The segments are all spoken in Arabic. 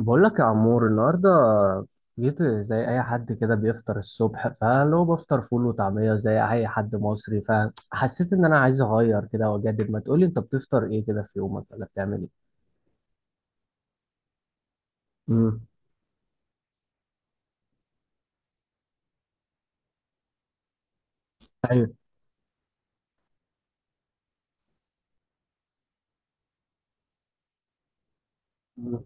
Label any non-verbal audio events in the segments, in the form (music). بقول لك يا عمور النهارده، جيت زي اي حد كده بيفطر الصبح، فلو بفطر فول وطعميه زي اي حد مصري، فحسيت ان انا عايز اغير كده واجدد. ما تقولي انت بتفطر ايه كده في يومك، ولا بتعمل ايه؟ امم. ايوه. مم.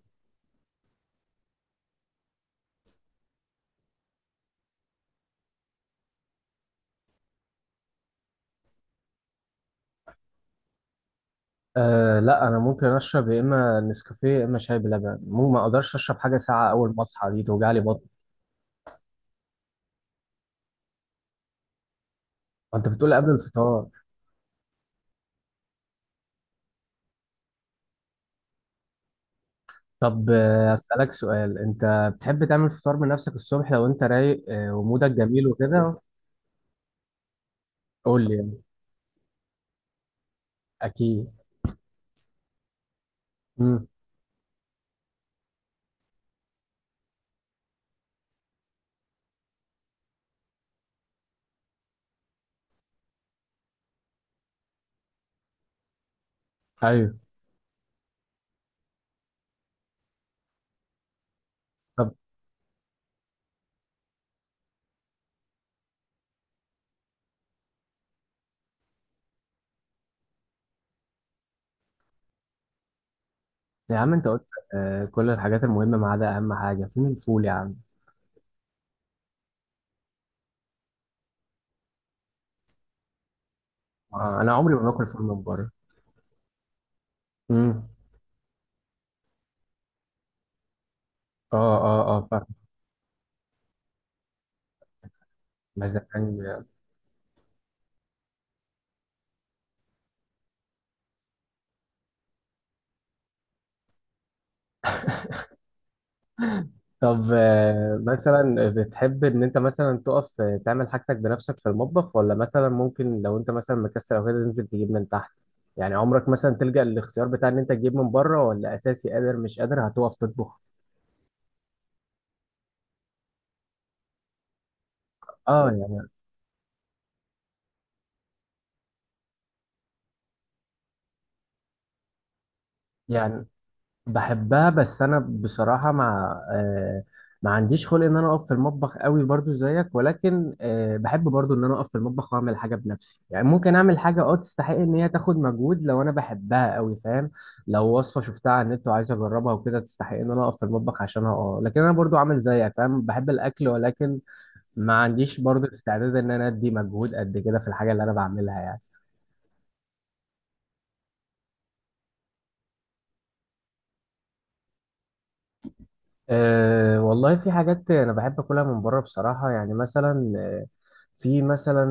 آه، لا، انا ممكن اشرب يا اما نسكافيه يا اما شاي بلبن، مو ما اقدرش اشرب حاجه ساعه اول ما اصحى، دي توجع لي بطن. انت بتقول قبل الفطار؟ طب، اسالك سؤال. انت بتحب تعمل فطار بنفسك الصبح لو انت رايق ومودك جميل وكده؟ قول لي يعني. اكيد. امم. ايوه. طب. يا عم انت قلت. كل الحاجات المهمه، ما عدا اهم حاجه، فين الفول يا عم؟ آه، انا عمري ما باكل فول من بره. امم. اه، اه، اه، فاهم. مزقني. طب، مثلا بتحب ان انت مثلا تقف تعمل حاجتك بنفسك في المطبخ، ولا مثلا ممكن لو انت مثلا مكسل او كده تنزل تجيب من تحت؟ يعني عمرك مثلا تلجأ للاختيار بتاع ان انت تجيب من بره، ولا اساسي قادر مش قادر هتقف تطبخ؟ اه، يعني. يعني بحبها، بس انا بصراحه مع ما عنديش خلق ان انا اقف في المطبخ قوي برضو زيك، ولكن بحب برضو ان انا اقف في المطبخ واعمل حاجه بنفسي. يعني ممكن اعمل حاجه تستحق ان هي تاخد مجهود لو انا بحبها قوي، فاهم؟ لو وصفه شفتها على النت وعايز اجربها وكده تستحق ان انا اقف في المطبخ عشانها. اه، لكن انا برضو عامل زيك، فاهم، بحب الاكل ولكن ما عنديش برضو استعداد ان انا ادي مجهود قد كده في الحاجه اللي انا بعملها يعني. أه، والله في حاجات أنا بحب أكلها من بره بصراحة. يعني مثلا في مثلا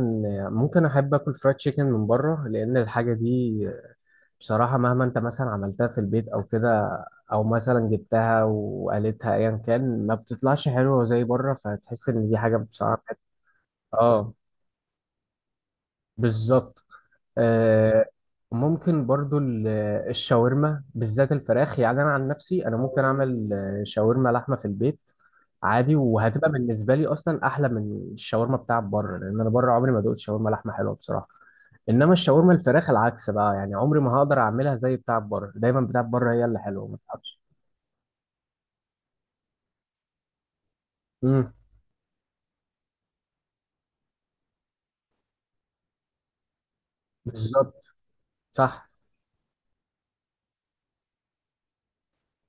ممكن أحب آكل فرايد تشيكن من بره، لأن الحاجة دي بصراحة مهما أنت مثلا عملتها في البيت أو كده، أو مثلا جبتها وقالتها أيا كان ما بتطلعش حلوة زي بره، فتحس إن دي حاجة بصراحة. اه، بالظبط. آه، ممكن برضو الشاورما، بالذات الفراخ. يعني انا عن نفسي انا ممكن اعمل شاورما لحمه في البيت عادي، وهتبقى بالنسبه لي اصلا احلى من الشاورما بتاعت بره، لان انا بره عمري ما دقت شاورما لحمه حلوه بصراحه. انما الشاورما الفراخ العكس بقى، يعني عمري ما هقدر اعملها زي بتاعت بره، دايما بتاعت بره هي اللي حلوه، ما تعرفش. امم. بالظبط. صح.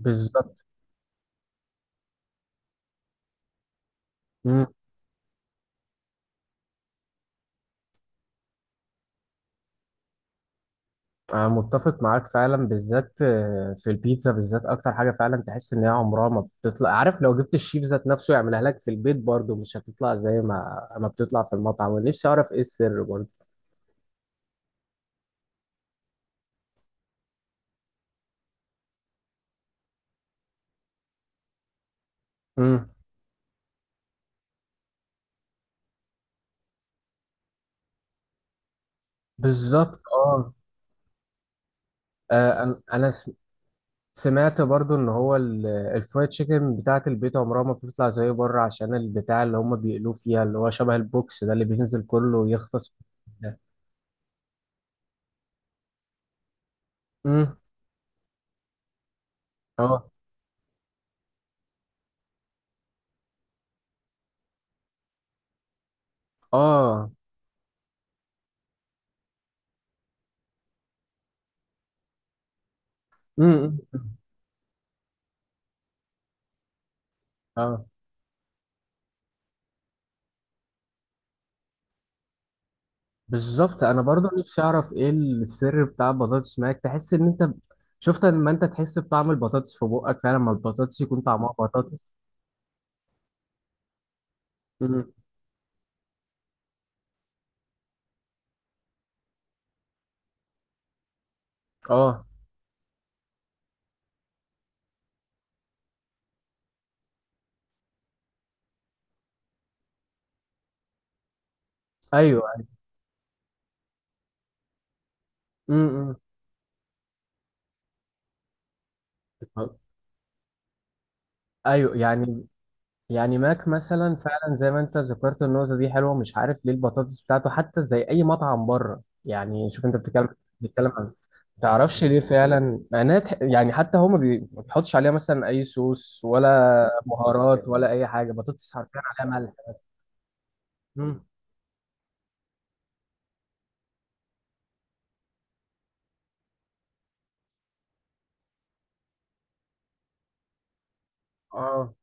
بالظبط. أنا متفق معاك فعلا، بالذات في البيتزا بالذات أكتر حاجة فعلا تحس إن هي عمرها ما بتطلع، عارف لو جبت الشيف ذات نفسه يعملها لك في البيت برضه مش هتطلع زي ما بتطلع في المطعم، ونفسي أعرف إيه السر برضه. امم. بالظبط، اه. أنا سمعت برضه إن هو الفرايد تشيكن بتاعة البيت عمرها ما بتطلع زي بره، عشان البتاع اللي هم بيقلوه فيها، اللي هو شبه البوكس ده اللي بينزل كله ويختص ده. امم. اه. اه. امم. بالظبط، انا برضو نفسي اعرف ايه السر بتاع البطاطس معاك، تحس ان انت شفت لما انت تحس بطعم البطاطس في بقك فعلا، لما البطاطس يكون طعمها بطاطس. امم. اه. ايوه. امم. ايوه، يعني. يعني ماك مثلا فعلا زي ما انت ذكرت، النقطه دي حلوه، مش عارف ليه البطاطس بتاعته حتى زي اي مطعم بره. يعني شوف انت بتتكلم، بتتكلم عن، تعرفش ليه فعلا، معناها يعني حتى هو ما بيحطش عليها مثلا اي صوص، ولا بهارات، ولا اي حاجه، بطاطس حرفيا عليها ملح. مم. اه.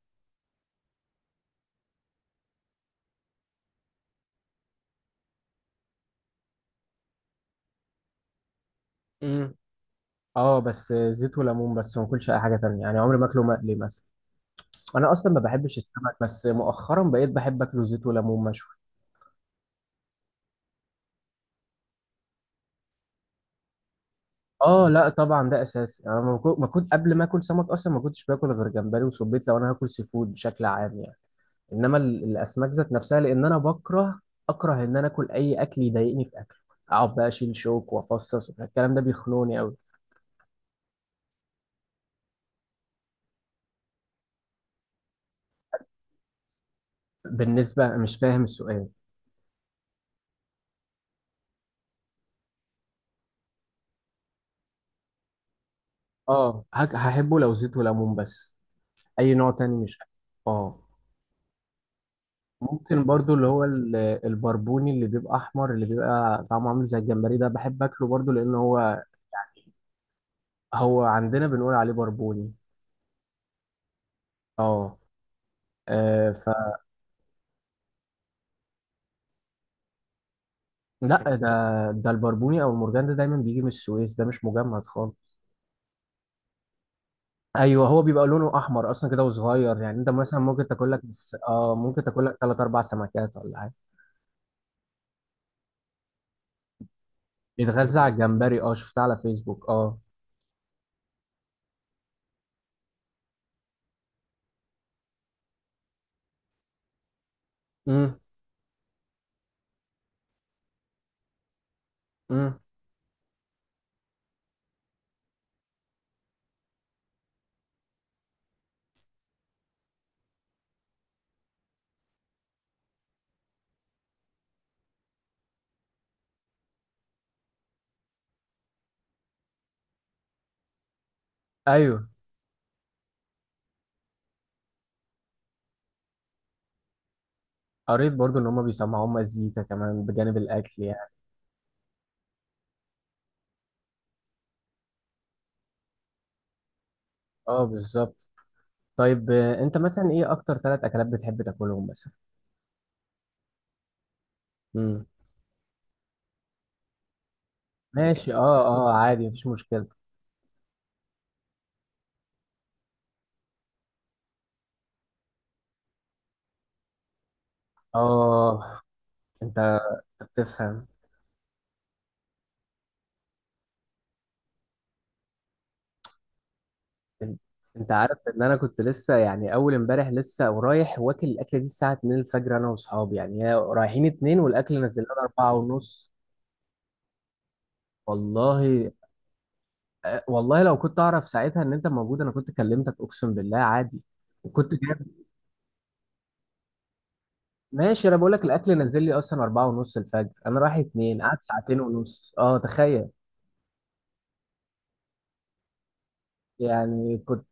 مم. اه، بس زيت وليمون، بس ما اكلش اي حاجه تانية يعني، عمري ما اكله مقلي مثلا. انا اصلا ما بحبش السمك، بس مؤخرا بقيت بحب اكله زيت وليمون مشوي. اه، لا طبعا ده اساسي، انا ما كنت قبل ما اكل سمك اصلا ما كنتش باكل غير جمبري وسبيط لو انا هاكل سي فود بشكل عام يعني. انما الاسماك ذات نفسها، لان انا اكره ان انا اكل اي اكل يضايقني في اكله. اقعد بقى اشيل شوك وافصص وبتاع. الكلام ده بيخنقني قوي. بالنسبه، مش فاهم السؤال. اه، هحبه لو زيت وليمون بس. اي نوع تاني مش أكل. اه. ممكن برضو اللي هو البربوني، اللي بيبقى احمر، اللي بيبقى طعمه عامل زي الجمبري، ده بحب اكله برضو لان هو. هو عندنا بنقول عليه بربوني. اه، آه، ف لا، ده البربوني او المرجان ده دايما بيجي من السويس، ده مش مجمد خالص. ايوه، هو بيبقى لونه احمر اصلا كده وصغير، يعني انت مثلا ممكن تاكل لك بس، اه، ممكن تاكل لك ثلاث اربع سمكات ولا حاجه. بيتغذى على الجمبري، اه شفتها على فيسبوك، اه. امم. امم. ايوه. قريت برضو ان هما بيسمعوهم مزيكا كمان بجانب الاكل يعني. اه، بالظبط. طيب، انت مثلا ايه اكتر ثلاث اكلات بتحب تاكلهم مثلا؟ امم. ماشي، اه، اه، عادي مفيش مشكلة. اه. انت، أنت بتفهم. ان- انت عارف ان انا كنت لسه، يعني اول امبارح لسه ورايح واكل الاكله دي الساعه 2 الفجر، انا واصحابي، يعني هي رايحين 2، والاكل نزل لنا 4 ونص. والله. والله لو كنت اعرف ساعتها ان انت موجود انا كنت كلمتك، اقسم بالله عادي. وكنت. ماشي، انا بقول لك الاكل نزل لي اصلا 4:30 الفجر، انا رايح اتنين، قعد ساعتين ونص، اه تخيل. يعني كنت.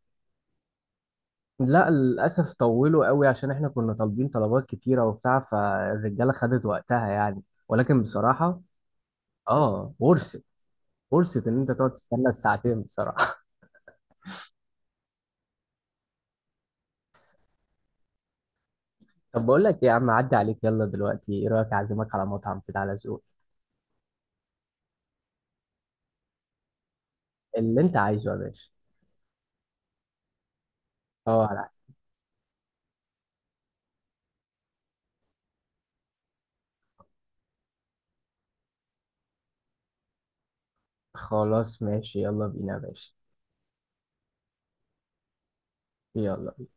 لا للاسف طولوا قوي عشان احنا كنا طالبين طلبات كتيره وبتاع، فالرجاله خدت وقتها يعني. ولكن بصراحه. اه، ورثت ان انت تقعد تستنى الساعتين بصراحه. (laughs) طب بقول لك إيه يا عم، عدي عليك، يلا دلوقتي ايه رايك اعزمك على مطعم كده على ذوقك؟ اللي انت عايزه يا باشا. اه، على حسب. خلاص ماشي يلا بينا يا باشا. يلا.